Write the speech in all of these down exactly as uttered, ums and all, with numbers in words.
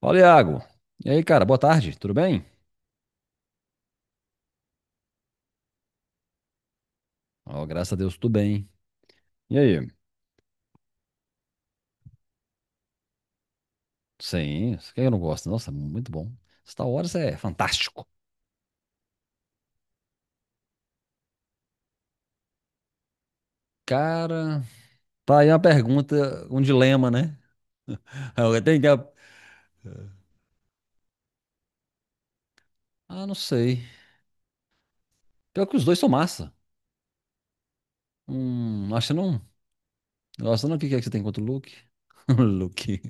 Fala, Iago. E aí, cara, boa tarde, tudo bem? Ó, graças a Deus, tudo bem. E aí? Sim, isso que eu não gosto. Nossa, muito bom. Star Wars é fantástico. Cara, tá aí uma pergunta, um dilema, né? Eu tenho que... Ah, não sei. Pior que os dois são massa. Hum, acho que não. Nossa, não, o que que é que você tem contra o Luke? O Luke.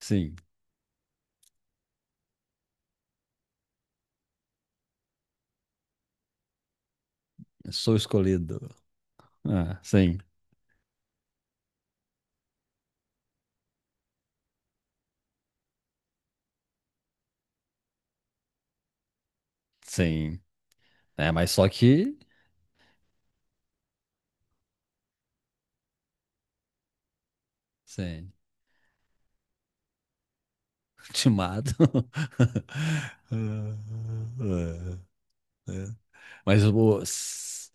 Sim, sou escolhido. Ah, sim, sim. É, mas só que. Sim, te mato. Ah, ah, mas o. s-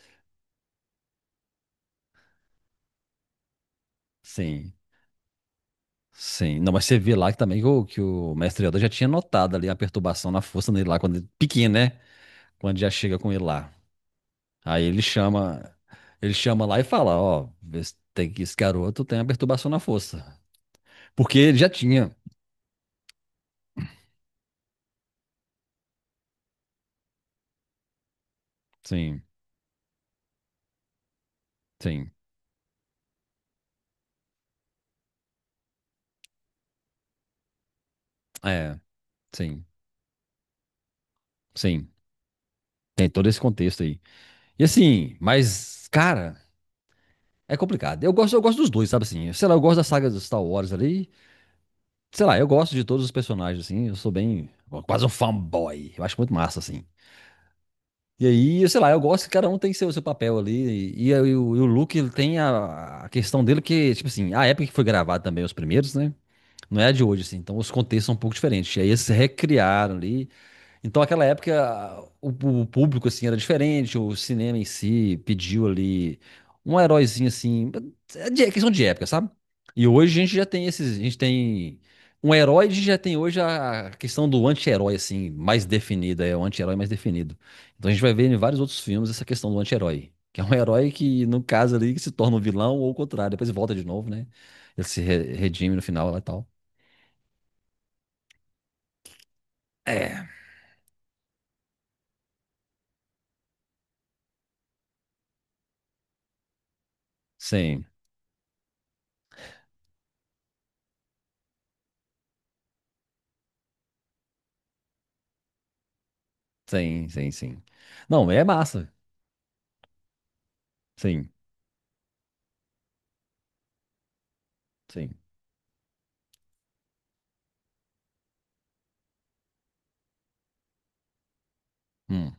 Sim, sim. Não, mas você vê lá que também que o, que o mestre Yoda já tinha notado ali a perturbação na força dele lá, quando ele, pequeno, né? Quando já chega com ele lá. Aí ele chama. Ele chama lá e fala: Ó, vê se tem que esse garoto tem a perturbação na força. Porque ele já tinha. Sim, sim. É, sim, sim. Tem todo esse contexto aí. E assim, mas, cara, é complicado. Eu gosto, eu gosto dos dois, sabe assim? Sei lá, eu gosto da saga dos Star Wars ali. Sei lá, eu gosto de todos os personagens, assim. Eu sou bem. Quase um fanboy. Eu acho muito massa, assim. E aí, sei lá, eu gosto que cada um tem seu, seu papel ali. E, e, aí o, e o Luke, ele tem a, a questão dele que, tipo assim, a época que foi gravado também, os primeiros, né? Não é a de hoje, assim. Então os contextos são um pouco diferentes. E aí eles recriaram ali. Então, naquela época, o, o público, assim, era diferente, o cinema em si pediu ali um heróizinho, assim, é de- é questão de época, sabe? E hoje a gente já tem esses, a gente tem um herói, a gente já tem hoje a questão do anti-herói, assim, mais definida, é o anti-herói mais definido. Então a gente vai ver em vários outros filmes essa questão do anti-herói, que é um herói que, no caso ali, que se torna um vilão ou o contrário, depois volta de novo, né? Ele se re- redime no final lá e tal. É, sim, sim, sim, sim. Não, é massa. Sim, sim. Hum,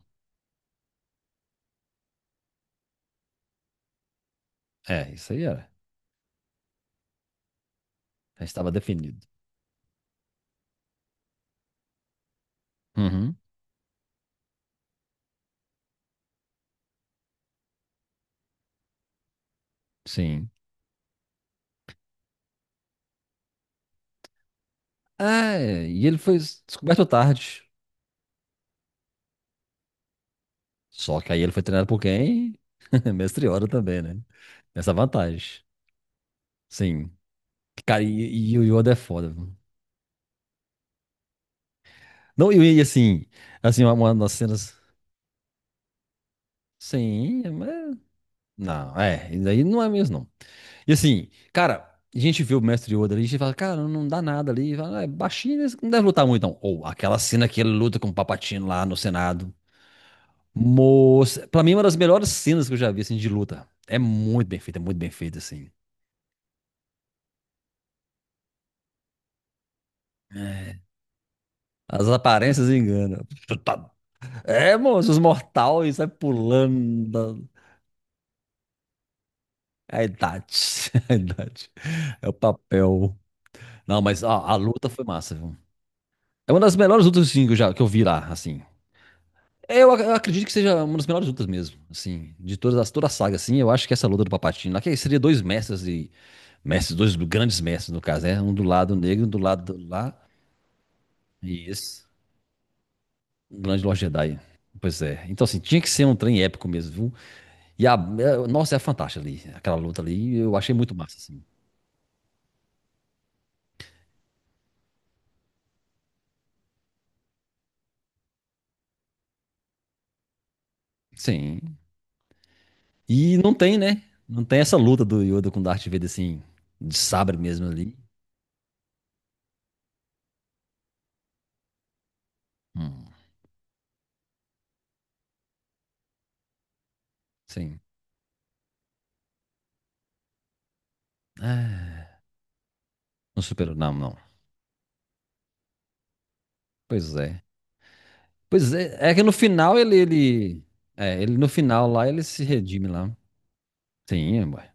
é, isso aí era. Já estava definido. Uhum, sim. É, e ele foi descoberto tarde. Só que aí ele foi treinado por quem? Mestre Yoda também, né? Essa vantagem. Sim. Cara, e, e o Yoda é foda, viu? Não, e, e assim, assim, uma, uma das cenas. Sim, não, é, isso aí não é mesmo, não. E assim, cara, a gente vê o mestre Yoda ali, a gente fala, cara, não dá nada ali. E fala: "Ah, é baixinho, eles não deve lutar muito, não." Ou aquela cena que ele luta com o Papatino lá no Senado. Moça, pra mim, é uma das melhores cenas que eu já vi, assim, de luta. É muito bem feita, é muito bem feita, assim. As aparências enganam. Tu tá- É, moço, os mortais sai pulando. da- É a idade, é a idade. É o papel. Não, mas ó, a luta foi massa, viu? É uma das melhores lutas, assim, que eu já, que eu vi lá, assim. É, Eu ac- eu acredito que seja uma das melhores lutas mesmo, assim, de todas as, toda a saga, assim, eu acho que essa luta do Palpatine lá, que seria dois mestres e mestres, dois grandes mestres, no caso, né? Um do lado negro, um do lado do lá, e esse, um grande Lord Jedi. Pois é. Então, assim, tinha que ser um trem épico mesmo, viu? E a, é, nossa, é fantástica ali, aquela luta ali, eu achei muito massa, assim. Sim. E não tem, né? Não tem essa luta do Yoda com o Darth Vader, assim, de sabre mesmo ali. Hum, sim. Ah, não superou, não, não. Pois é. Pois é, é que no final ele, ele. É, ele no final lá ele se redime lá. Sim, ué.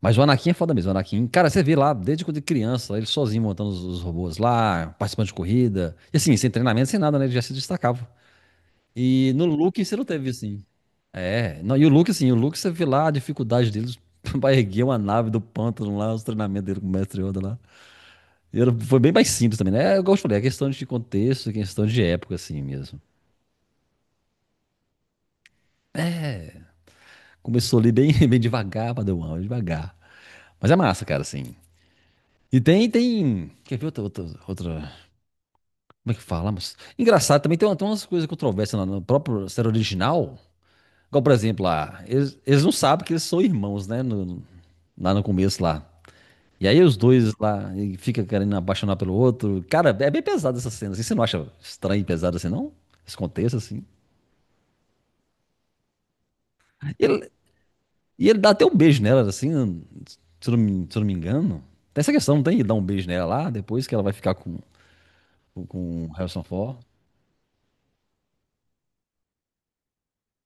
Mas o Anakin é foda mesmo, o Anakin. Cara, você vê lá, desde quando ele é criança, ele sozinho montando os, os robôs lá, participando de corrida. E assim, sem treinamento, sem nada, né? Ele já se destacava. E no Luke você não teve, assim. É, não, e o Luke, assim, o Luke, você vê lá a dificuldade deles pra erguer uma nave do pântano lá, os treinamentos dele com o Mestre Yoda lá. E era- foi bem mais simples também, né? É, igual eu falei, é questão de contexto, é questão de época, assim mesmo. Começou ali bem, bem devagar, Padawan, devagar. Mas é massa, cara, assim. E tem, tem. Quer ver outra, outra, outra- como é que fala? Mas... Engraçado, também tem, uma- tem umas coisas controversas lá no próprio série original. Igual, por exemplo, lá, eles, eles não sabem que eles são irmãos, né? no- lá no começo lá. E aí os dois lá e fica querendo apaixonar pelo outro. Cara, é bem pesado essa cena. Assim. Você não acha estranho e pesado assim, não? Esse contexto, assim. E e ele dá até um beijo nela, assim, se eu não, me- se eu não me engano. Tem essa questão, não tem? Ele dá um beijo nela lá, depois que ela vai ficar com, com, com o Harrison Ford.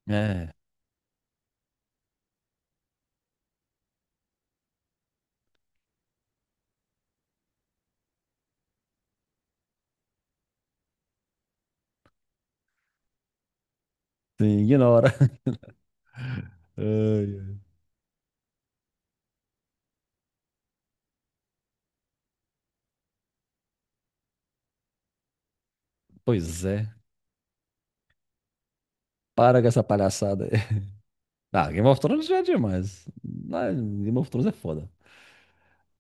É, sim, ignora. Ai, ai. Pois é. Para com essa palhaçada aí. Ah, Game of Thrones já é demais. Ah, Game of Thrones é foda.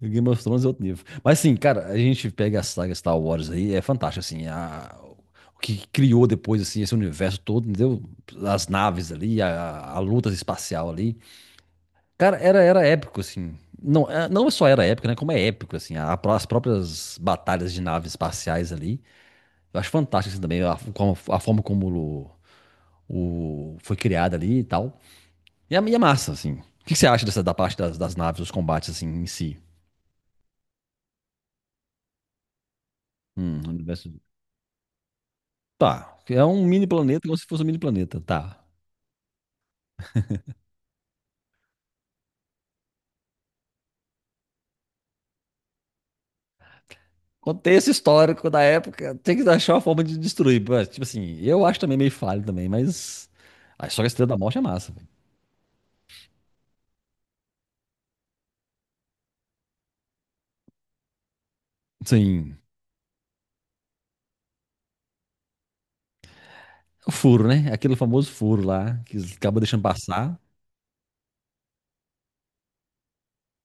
Game of Thrones é outro nível. Mas sim, cara, a gente pega a saga Star Wars aí, é fantástico, assim. A, o que criou depois, assim, esse universo todo, entendeu? As naves ali, a, a luta espacial ali. Cara, era, era épico, assim. Não, é- não só era épico, né? Como é épico, assim. A- as próprias batalhas de naves espaciais ali. Eu acho fantástico, assim, também. A, como- a forma como o, o- foi criada ali e tal. E é, e é massa, assim. O que, que você acha dessa, da parte das, das naves, os combates, assim, em si? Hum, no universo... Tá. É um mini planeta, como se fosse um mini planeta. Tá. Contexto histórico da época, tem que achar uma forma de destruir. Mas, tipo assim, eu acho também meio falho também, mas... Aí só que a história da Estrela da Morte é massa, velho. Sim. O furo, né? Aquele famoso furo lá, que eles acabam deixando passar.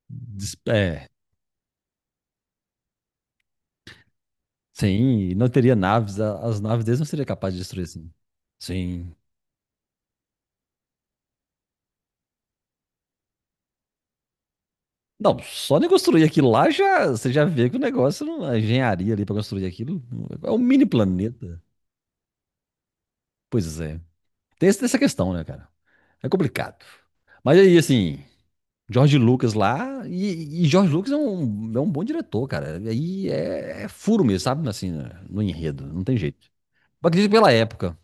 Des- É, sim, e não teria naves, a- as naves deles não seriam capazes de destruir assim. Sim. Não, só de construir aquilo lá já, você já vê que o negócio, não- a engenharia ali pra construir aquilo, é um mini planeta. Pois é. Tem esse- essa questão, né, cara? É complicado. Mas aí, assim, George Lucas lá, e, e George Lucas é um, é um bom diretor, cara. Aí é, é furo mesmo, sabe? Assim, no enredo, não tem jeito. Eu acredito pela época.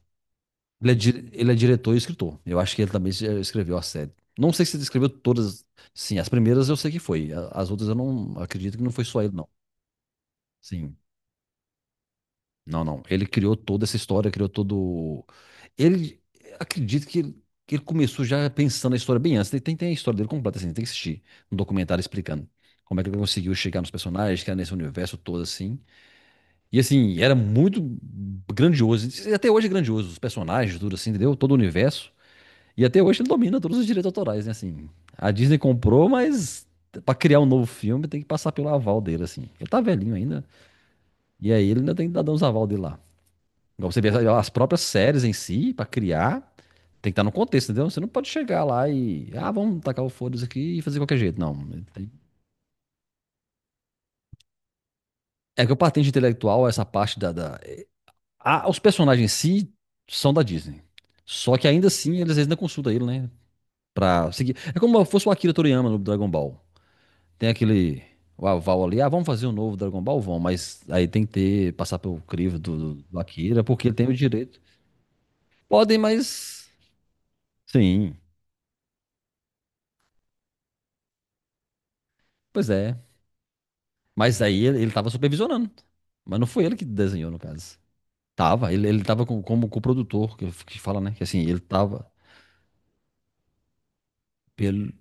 Ele é, di- ele é diretor e escritor. Eu acho que ele também se- eh, escreveu a série. Não sei se ele escreveu todas. Sim, as primeiras eu sei que foi. a- As outras eu não acredito que não foi só ele, não. Sim. Não, não. Ele criou toda essa história, criou todo. Ele. Acredito que ele, que ele começou já pensando na história bem antes. Tem, tem a história dele completa, assim. Tem que assistir um documentário explicando como é que ele conseguiu chegar nos personagens, que era nesse universo todo, assim. E assim, era muito grandioso. E até hoje é grandioso. Os personagens, tudo assim, entendeu? Todo o universo. E até hoje ele domina todos os direitos autorais, né? Assim, a Disney comprou, mas pra criar um novo filme tem que passar pelo aval dele, assim. Ele tá velhinho ainda. E aí ele ainda tem que dar uns aval dele lá. Igual você vê as próprias séries em si, pra criar, tem que estar no contexto, entendeu? Você não pode chegar lá e. Ah, vamos tacar o foda-se aqui e fazer de qualquer jeito. Não. Tem- É que o patente intelectual, essa parte da. da- Ah, os personagens em si são da Disney. Só que ainda assim, eles ainda consultam ele, né? Pra seguir. É como se fosse o Akira Toriyama no Dragon Ball. Tem aquele o aval ali, ah, vamos fazer um novo Dragon Ball, vão, mas aí tem que ter, passar pelo crivo do, do Akira, porque ele tem o direito. Podem, mas. Sim, pois é. Mas aí ele, ele tava supervisionando. Mas não foi ele que desenhou, no caso. Tava, ele, ele tava com, como co-produtor, que, que fala, né? Que assim, ele tava pelo.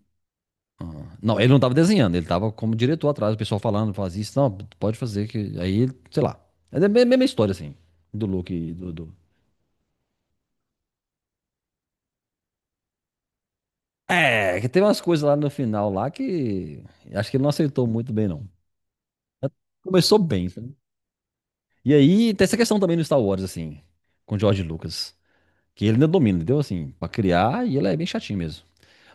Ah, não, ele não tava desenhando, ele tava como diretor atrás, o pessoal falando, faz isso, não, pode fazer, que aí, sei lá. É a mesma história, assim, do Luke e do, do, é, que tem umas coisas lá no final lá que acho que ele não aceitou muito bem, não. Começou bem, sabe? E aí tem essa questão também no Star Wars, assim, com o George Lucas, que ele ainda domina, entendeu? Assim, pra criar, e ele é bem chatinho mesmo.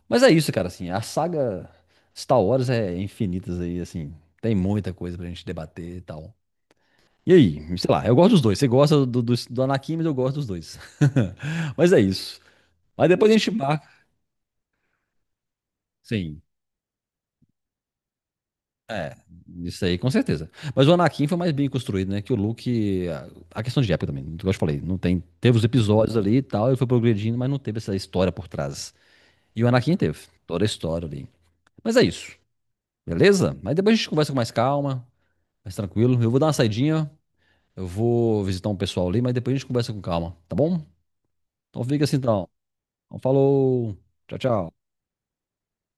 Mas é isso, cara, assim, a saga Star Wars é infinitas aí, assim, tem muita coisa pra gente debater e tal. E aí, sei lá, eu gosto dos dois. Você gosta do, do, do Anakin, mas eu gosto dos dois. Mas é isso. Mas depois a gente marca. Sim. É, isso aí com certeza. Mas o Anakin foi mais bem construído, né? Que o Luke. A a questão de época também, como eu te falei, não tem. Teve os episódios ali e tal, ele foi progredindo, mas não teve essa história por trás. E o Anakin teve toda a história ali. Mas é isso, beleza? Mas depois a gente conversa com mais calma, mais tranquilo. Eu vou dar uma saidinha, eu vou visitar um pessoal ali, mas depois a gente conversa com calma, tá bom? Então fica assim então. Então falou, tchau, tchau.